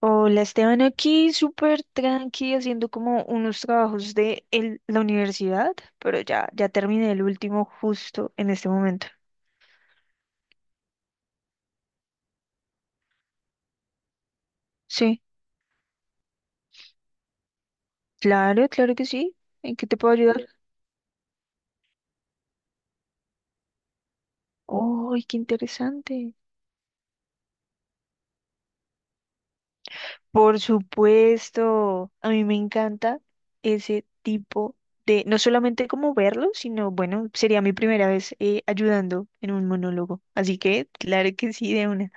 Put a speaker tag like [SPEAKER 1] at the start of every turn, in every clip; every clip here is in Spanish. [SPEAKER 1] Hola Esteban, aquí súper tranqui haciendo como unos trabajos de la universidad, pero ya terminé el último justo en este momento. Sí, claro, claro que sí. ¿En qué te puedo ayudar? ¡Ay, qué interesante! Por supuesto, a mí me encanta ese tipo de, no solamente como verlo, sino bueno, sería mi primera vez ayudando en un monólogo. Así que, claro que sí, de una.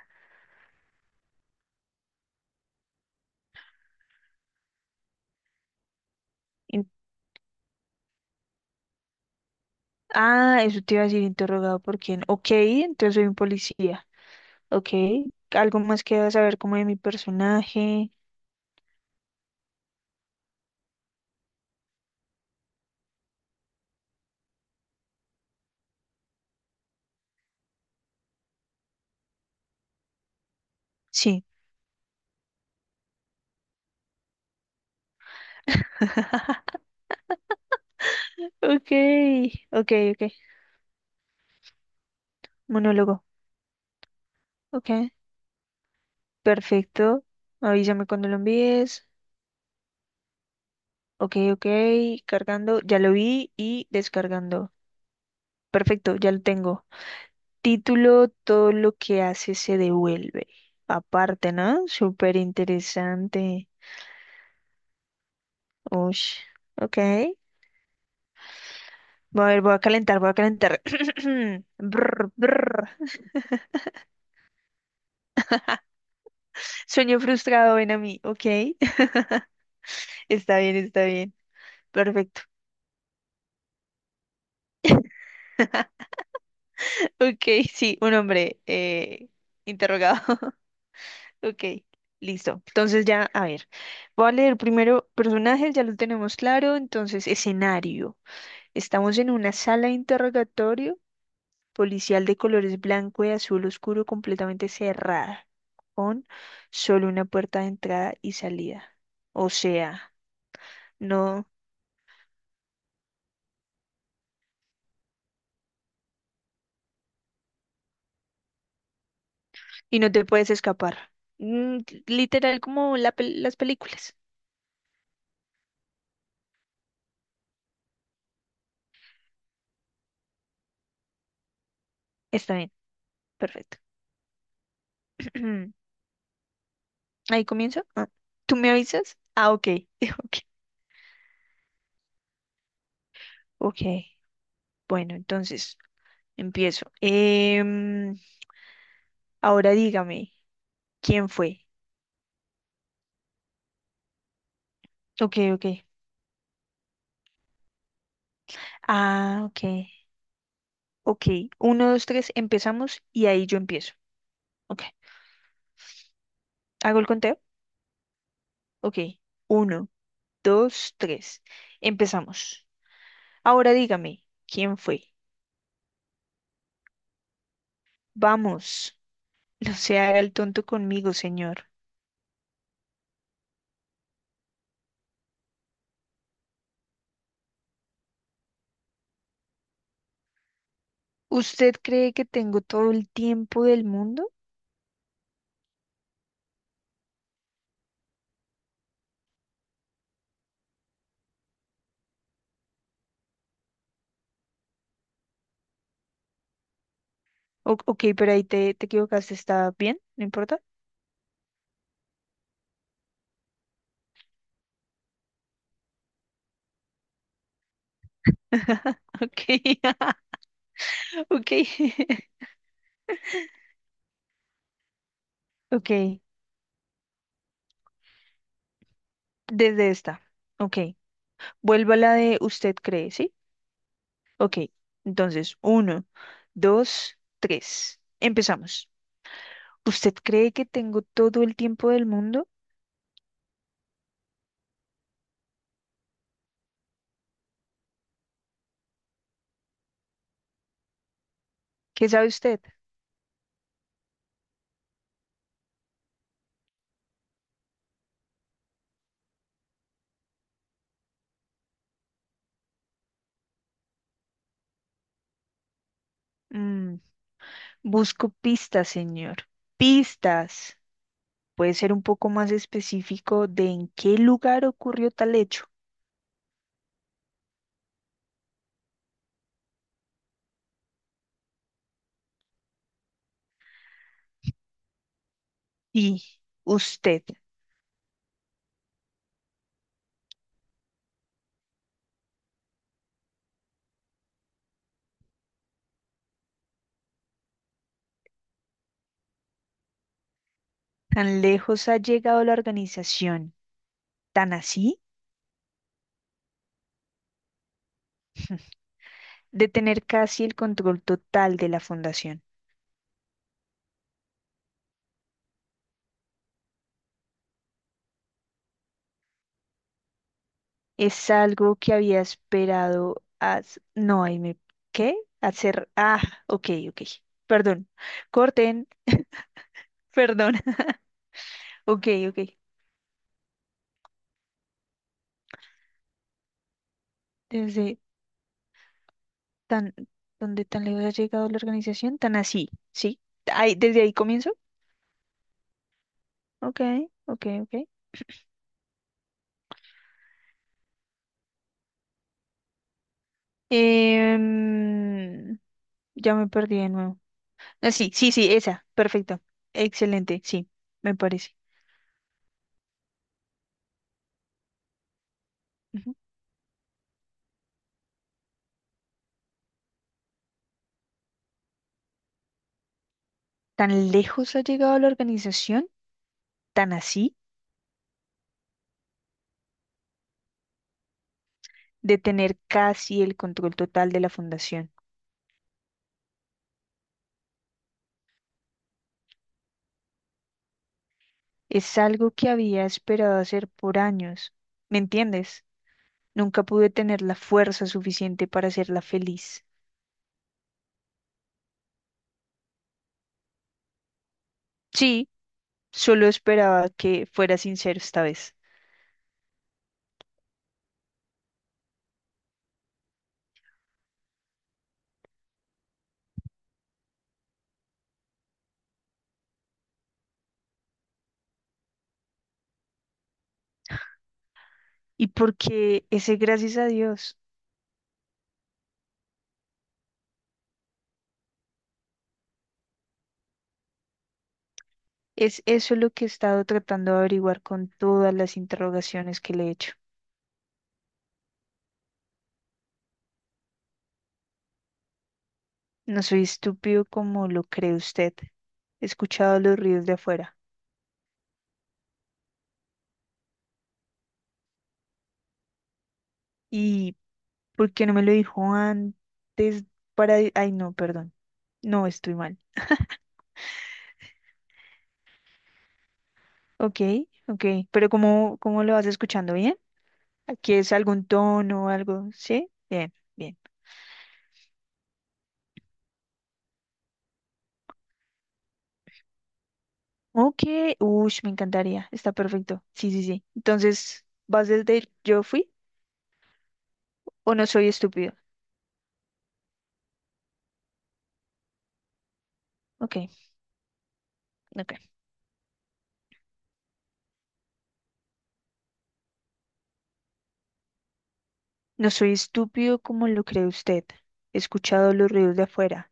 [SPEAKER 1] Ah, eso te iba a decir interrogado por quién. Ok, entonces soy un policía. Ok, algo más que saber como de mi personaje. Sí. Ok, ok, ok. Monólogo. Ok, perfecto. Avísame cuando lo envíes. Ok, ok. Cargando, ya lo vi y descargando. Perfecto, ya lo tengo. Título, todo lo que hace se devuelve. Aparte, ¿no? Súper interesante. Ush. Ok. Voy a ver, voy a calentar, voy a calentar. Brr, brr. Sueño frustrado, ven a mí, ¿ok? Está bien, está bien. Perfecto. Ok, sí, un hombre interrogado. Ok, listo. Entonces ya, a ver, voy a leer primero personajes, ya lo tenemos claro. Entonces, escenario. Estamos en una sala de interrogatorio policial de colores blanco y azul oscuro completamente cerrada, con solo una puerta de entrada y salida. O sea... No, y no te puedes escapar. Mm, literal como las películas. Está bien, perfecto. Ahí comienzo. Ah, ¿tú me avisas? Ah, ok. Ok. Ok. Bueno, entonces empiezo. Em, ahora dígame, ¿quién fue? Ok, ok. Ah, ok. Ok. Uno, dos, tres, empezamos y ahí yo empiezo. Ok. ¿Hago el conteo? Ok. Uno, dos, tres. Empezamos. Ahora dígame, ¿quién fue? Vamos. No se haga el tonto conmigo, señor. ¿Usted cree que tengo todo el tiempo del mundo? Ok, pero ahí te equivocaste. ¿Está bien? ¿No importa? Ok, ok, ok. Desde esta. Ok. Vuelvo a la de usted cree, ¿sí? Ok. Entonces, uno, dos, tres. Empezamos. ¿Usted cree que tengo todo el tiempo del mundo? ¿Qué sabe usted? Mm, busco pistas, señor. Pistas. Puede ser un poco más específico de en qué lugar ocurrió tal hecho. Y usted, ¿tan lejos ha llegado la organización, tan así, de tener casi el control total de la fundación? ¿Es algo que había esperado a... No, ahí me... ¿Qué? Hacer... Ah, ok, ok. Perdón. Corten. Perdón. Ok, ok. Desde tan... ¿Dónde tan lejos ha llegado la organización? Tan así, ¿sí? Ahí, ¿desde ahí comienzo? Ok, ok, ok. Em, ya me perdí de nuevo. Ah, sí, sí, sí, esa. Perfecto. Excelente, sí, me parece. Ujú. ¿Tan lejos ha llegado la organización, tan así, de tener casi el control total de la fundación? Es algo que había esperado hacer por años. ¿Me entiendes? Nunca pude tener la fuerza suficiente para hacerla feliz. Sí, solo esperaba que fuera sincero esta vez. ¿Y porque ese gracias a Dios? Es eso lo que he estado tratando de averiguar con todas las interrogaciones que le he hecho. No soy estúpido como lo cree usted. He escuchado los ruidos de afuera. ¿Y por qué no me lo dijo antes para... Ay, no, perdón. No, estoy mal. Ok, ok. Pero ¿cómo, cómo lo vas escuchando? ¿Bien? ¿Aquí es algún tono o algo? ¿Sí? Bien, bien. Ok, uy, me encantaría. Está perfecto. Sí, sí, sí. Entonces, ¿vas desde el yo fui o no soy estúpido? Ok, ok. No soy estúpido como lo cree usted. He escuchado los ruidos de afuera.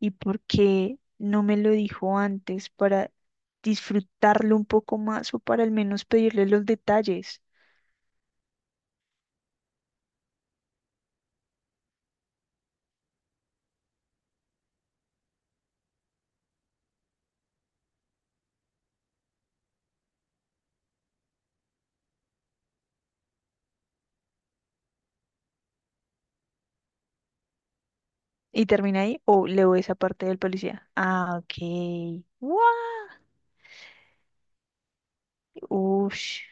[SPEAKER 1] ¿Y por qué no me lo dijo antes para disfrutarlo un poco más o para al menos pedirle los detalles? ¿Y termina ahí o leo esa parte del policía? Ah, ok. ¡Guau! Ush.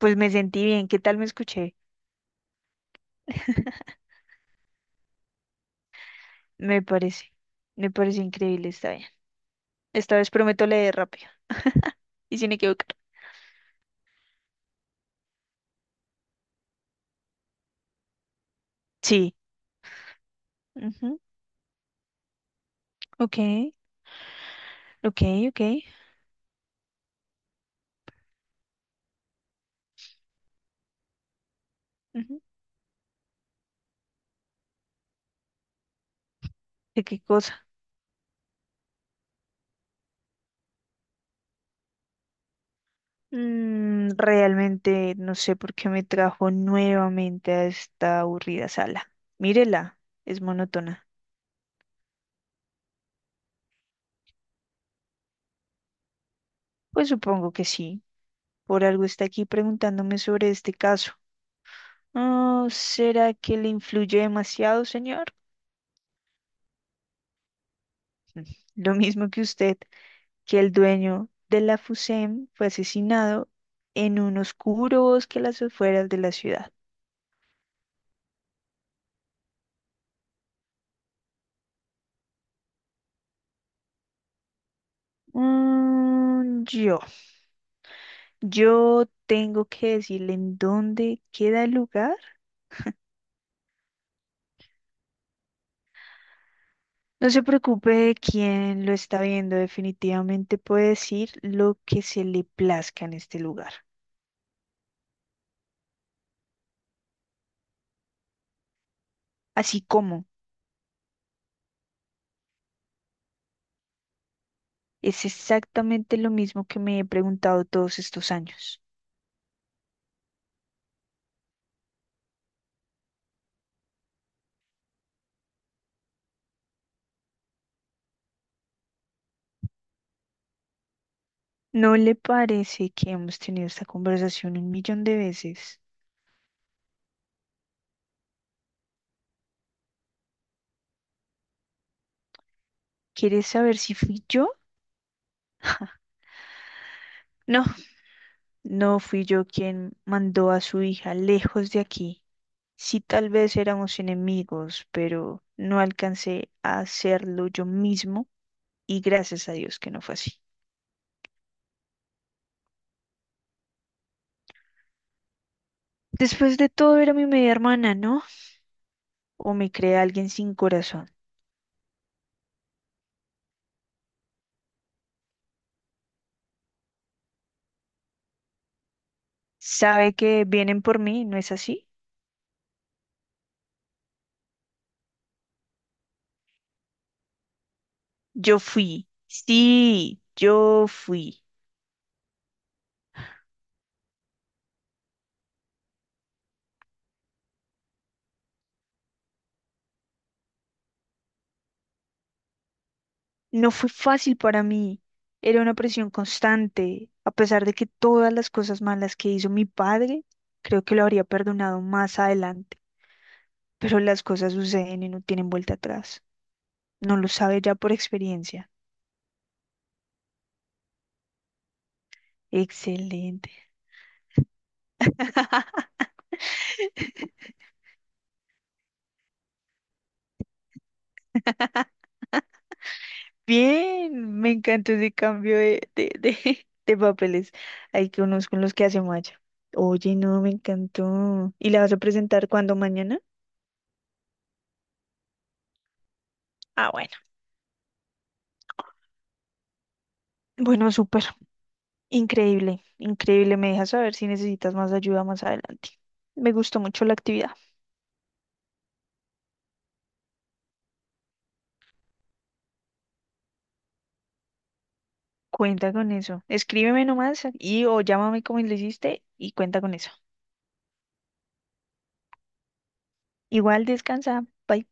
[SPEAKER 1] Pues me sentí bien. ¿Qué tal me escuché? Me parece. Me parece increíble. Está bien. Esta vez prometo leer rápido y sin equivocar. Sí. Ujú. Ok. Ok, ok. Ujú. ¿De qué cosa? Mm, realmente no sé por qué me trajo nuevamente a esta aburrida sala. Mírela, es monótona. Pues supongo que sí. Por algo está aquí preguntándome sobre este caso. Oh, ¿será que le influye demasiado, señor? Mm, lo mismo que usted, que el dueño de la FUSEM fue asesinado en un oscuro bosque a las afueras de la ciudad. Mm, yo tengo que decirle en dónde queda el lugar. No se preocupe de quién lo está viendo, definitivamente puede decir lo que se le plazca en este lugar. Así como es exactamente lo mismo que me he preguntado todos estos años. ¿No le parece que hemos tenido esta conversación un millón de veces? ¿Quieres saber si fui yo? No, no fui yo quien mandó a su hija lejos de aquí. Sí, tal vez éramos enemigos, pero no alcancé a hacerlo yo mismo y gracias a Dios que no fue así. Después de todo era mi media hermana, ¿no? ¿O me cree alguien sin corazón? ¿Sabe que vienen por mí, no es así? Yo fui, sí, yo fui. No fue fácil para mí, era una presión constante, a pesar de que todas las cosas malas que hizo mi padre, creo que lo habría perdonado más adelante, pero las cosas suceden y no tienen vuelta atrás. No lo sabe ya por experiencia. Excelente. Bien, me encantó ese cambio de de papeles. Hay que unos con los que hace Maya. Oye, no, me encantó. ¿Y la vas a presentar cuándo mañana? Ah, bueno. Bueno, súper. Increíble, increíble. Me dejas saber si necesitas más ayuda más adelante. Me gustó mucho la actividad. Cuenta con eso. Escríbeme nomás y o llámame como le hiciste y cuenta con eso. Igual descansa. Bye.